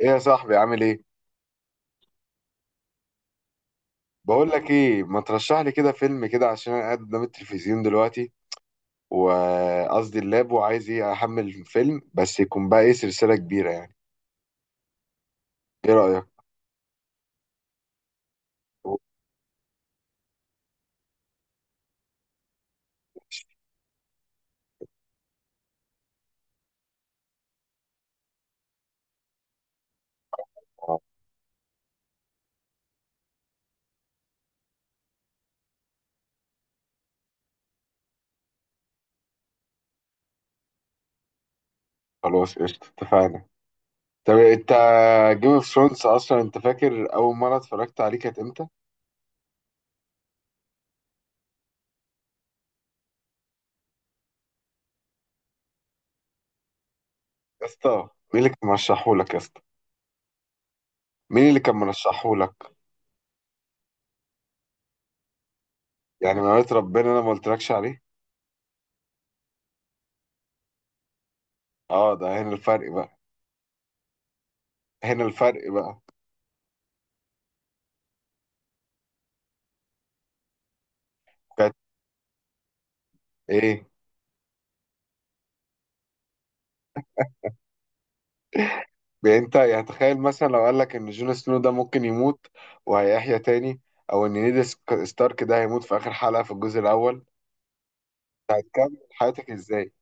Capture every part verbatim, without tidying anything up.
ايه يا صاحبي، عامل ايه؟ بقول لك ايه، ما ترشح لي كده فيلم كده، عشان انا قاعد قدام التلفزيون دلوقتي، وقصدي اللاب، وعايز ايه احمل فيلم بس يكون بقى ايه سلسلة كبيرة يعني. ايه رأيك؟ خلاص قشطة، اتفقنا. طب انت، جيم اوف ثرونز اصلا، انت فاكر اول مرة اتفرجت عليه كانت امتى؟ يا اسطى، مين اللي كان مرشحه لك يا اسطى؟ مين اللي كان مرشحه لك؟ يعني ما ربنا، انا ما قلتلكش عليه. اه، ده هنا الفرق بقى. هنا الفرق بقى. كانت؟ ايه؟ يعني انت، يعني تخيل مثلا لو قال لك ان جون سنو ده ممكن يموت وهيحيا تاني، او ان نيد سك- ستارك ده هيموت في اخر حلقة في الجزء الاول. تكمل حياتك ازاي؟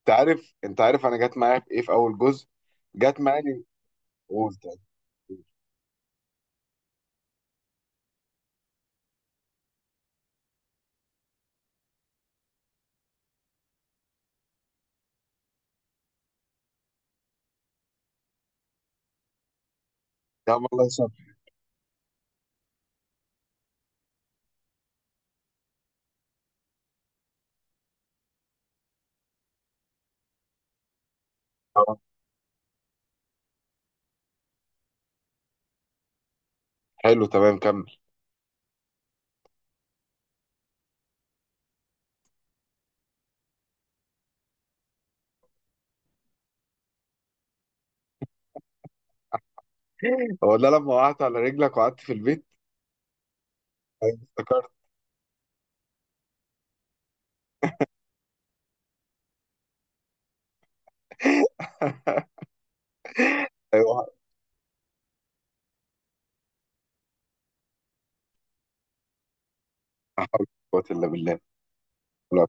انت عارف انت عارف انا جت معايا في ايه، في اول جزء. جت معايا. قلت. يا عم، الله يسامحك. اه، حلو، تمام، كمل. هو ده لما وقعت على رجلك وقعدت في البيت؟ ايوه، افتكرت. ايوه، لا. قوة الا بالله. لا.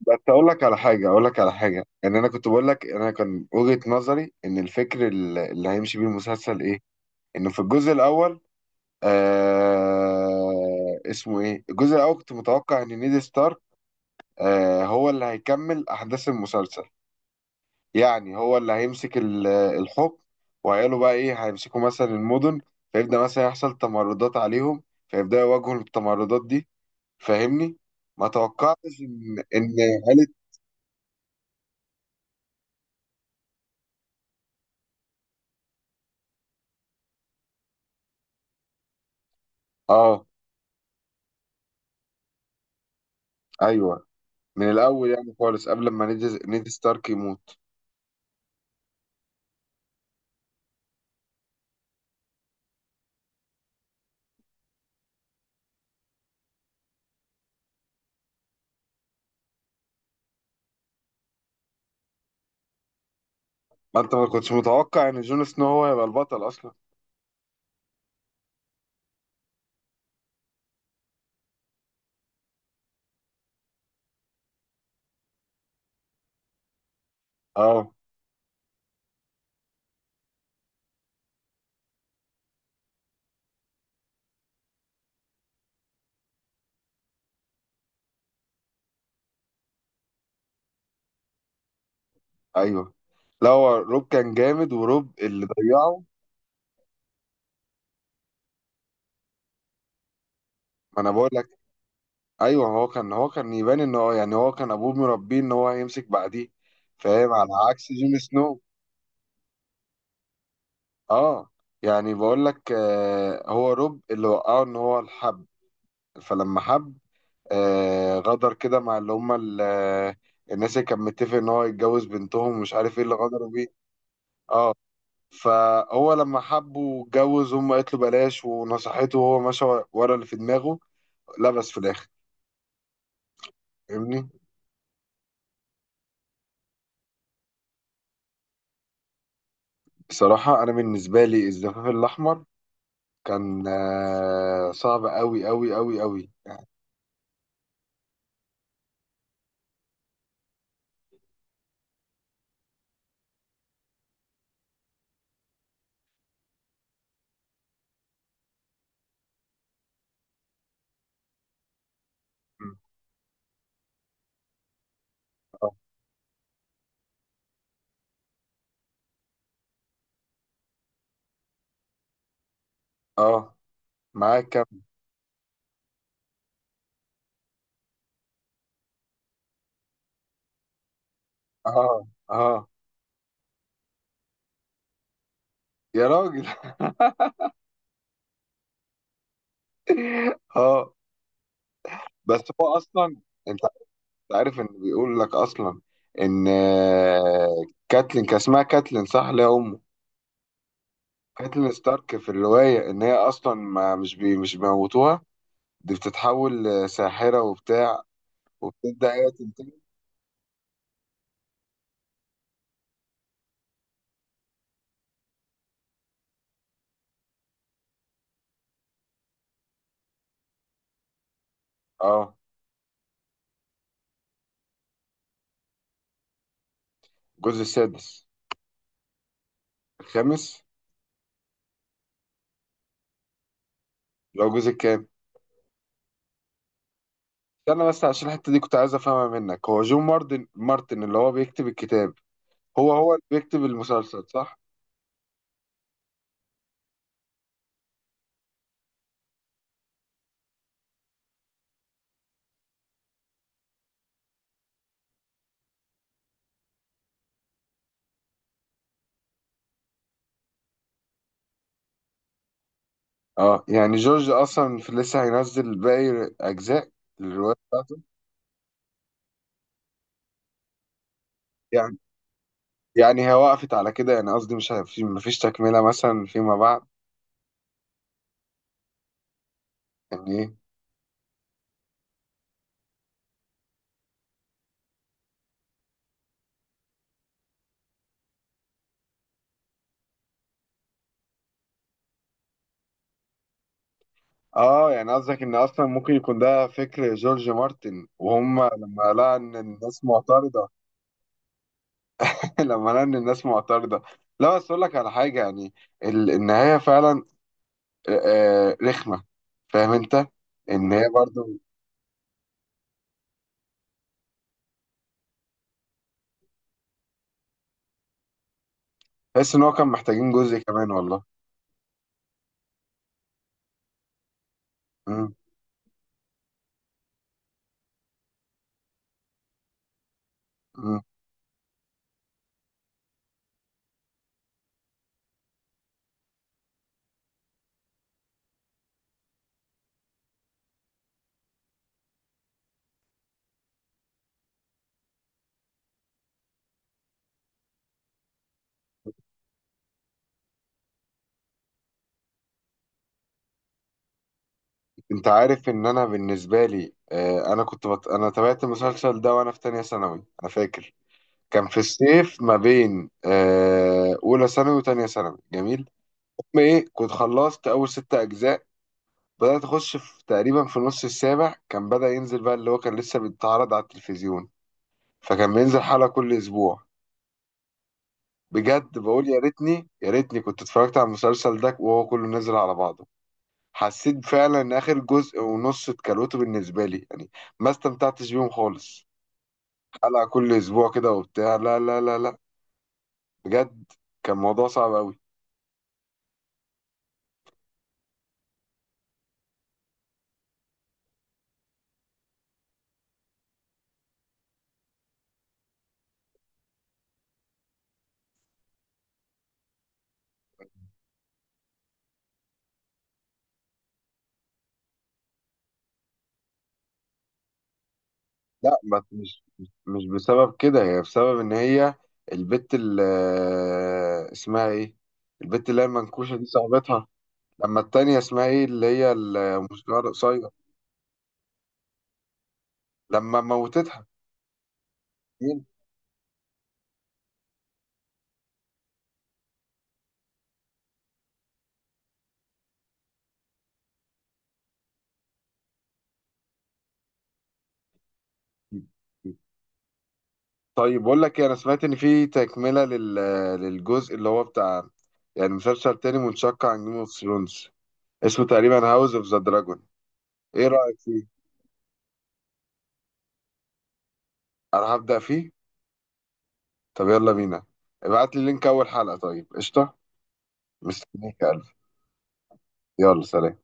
بس اقول لك على حاجه اقول لك على حاجه، ان انا كنت بقول لك، انا كان وجهه نظري ان الفكر اللي اللي هيمشي بيه المسلسل ايه. انه في الجزء الاول، آه اسمه ايه الجزء الاول، كنت متوقع ان نيد ستارك، آه هو اللي هيكمل احداث المسلسل. يعني هو اللي هيمسك ال- الحكم، وعياله بقى ايه هيمسكوا مثلا المدن، فيبدأ مثلا يحصل تمردات عليهم، فيبدأوا يواجهوا التمردات دي. فاهمني؟ ما توقعتش ان ان عيلة. اه، ايوه. من الاول يعني خالص، قبل ما نيد نيد ستارك يموت. ما انت ما كنتش متوقع ان جون سنو هو هيبقى البطل اصلا. اه، ايوه. لا، هو روب كان جامد، وروب اللي ضيعه. ما انا بقول لك. ايوه، هو كان هو كان يبان ان هو، يعني هو كان ابوه مربيه ان هو هيمسك بعديه، فاهم، على عكس جون سنو. اه. يعني بقول لك، آه هو روب اللي وقعه ان هو الحب. فلما حب، آه غدر كده مع اللي هم، ال- آه، الناس اللي كان متفق ان هو يتجوز بنتهم، ومش عارف ايه اللي غدروا بيه. اه. فهو لما حبه واتجوز، هم قالت له بلاش ونصحته، وهو مشى ورا اللي في دماغه. لبس في الاخر. فاهمني؟ بصراحه، انا بالنسبه لي الزفاف الاحمر كان آه، صعب قوي قوي قوي قوي. م. اه. آه، معاك كم؟ اه، اه، يا راجل. اه، بس هو اصلا، انت عارف ان بيقول لك اصلا ان، آه، كاتلين، كان اسمها كاتلين صح، اللي هي امه، كاتلين ستارك، في الروايه ان هي اصلا ما مش بي مش بيموتوها. دي بتتحول لساحره وبتاع، وبتبدا هي تنتقم. اه. الجزء السادس. الخامس. لو جزء كام. استنى بس، عشان الحته دي كنت عايز افهمها منك. هو جون مارتن مارتن اللي هو بيكتب الكتاب، هو هو اللي بيكتب المسلسل صح؟ اه. يعني جورج اصلا في لسه هينزل باقي اجزاء الروايه بتاعته؟ يعني، يعني هي وقفت على كده يعني، قصدي مش ه- في مفيش تكمله مثلا فيما بعد؟ يعني ايه؟ اه. يعني قصدك ان اصلا ممكن يكون ده فكر جورج مارتن، وهم لما لقى ان الناس معترضه. لما لقى ان الناس معترضه. لا، بس اقول لك على حاجه يعني، ال- النهايه فعلا آه، آه، رخمة. فاهم انت؟ ان هي برضو. تحس ان هو كان محتاجين جزء كمان والله. مم. مم. انت عارف ان انا بالنسبة لي، آه، انا كنت بط... انا تابعت المسلسل ده وانا في تانية ثانوي، انا فاكر. كان في الصيف ما بين آه، اولى ثانوي وتانية ثانوي. جميل. المهم ايه، كنت خلصت اول ست اجزاء. بدأت اخش في تقريبا في نص السابع، كان بدأ ينزل بقى اللي هو كان لسه بيتعرض على التلفزيون، فكان بينزل حلقة كل اسبوع. بجد، بقول يا ريتني يا ريتني كنت اتفرجت على المسلسل ده وهو كله نزل على بعضه. حسيت فعلا ان اخر جزء ونص اتكلوته بالنسبه لي يعني، ما استمتعتش بيهم خالص. حلقه كل اسبوع كده وبتاع، لا لا لا لا. بجد، كان موضوع صعب قوي. لا، ما مش مش بسبب كده، هي بسبب ان هي البت اللي اسمها ايه، البت اللي هي المنكوشه دي، صاحبتها، لما التانية اسمها ايه، اللي هي الموسيقار القصير، لما موتتها. طيب بقول لك إيه، انا سمعت ان في تكمله لل... للجزء اللي هو بتاع، يعني مسلسل تاني منشق عن جيم اوف ثرونز، اسمه تقريبا هاوس اوف ذا دراجون. ايه رايك فيه؟ انا هبدا فيه. طب يلا بينا. ابعت لي لينك اول حلقه طيب، قشطه. مستنيك يا قلبي. يلا، سلام.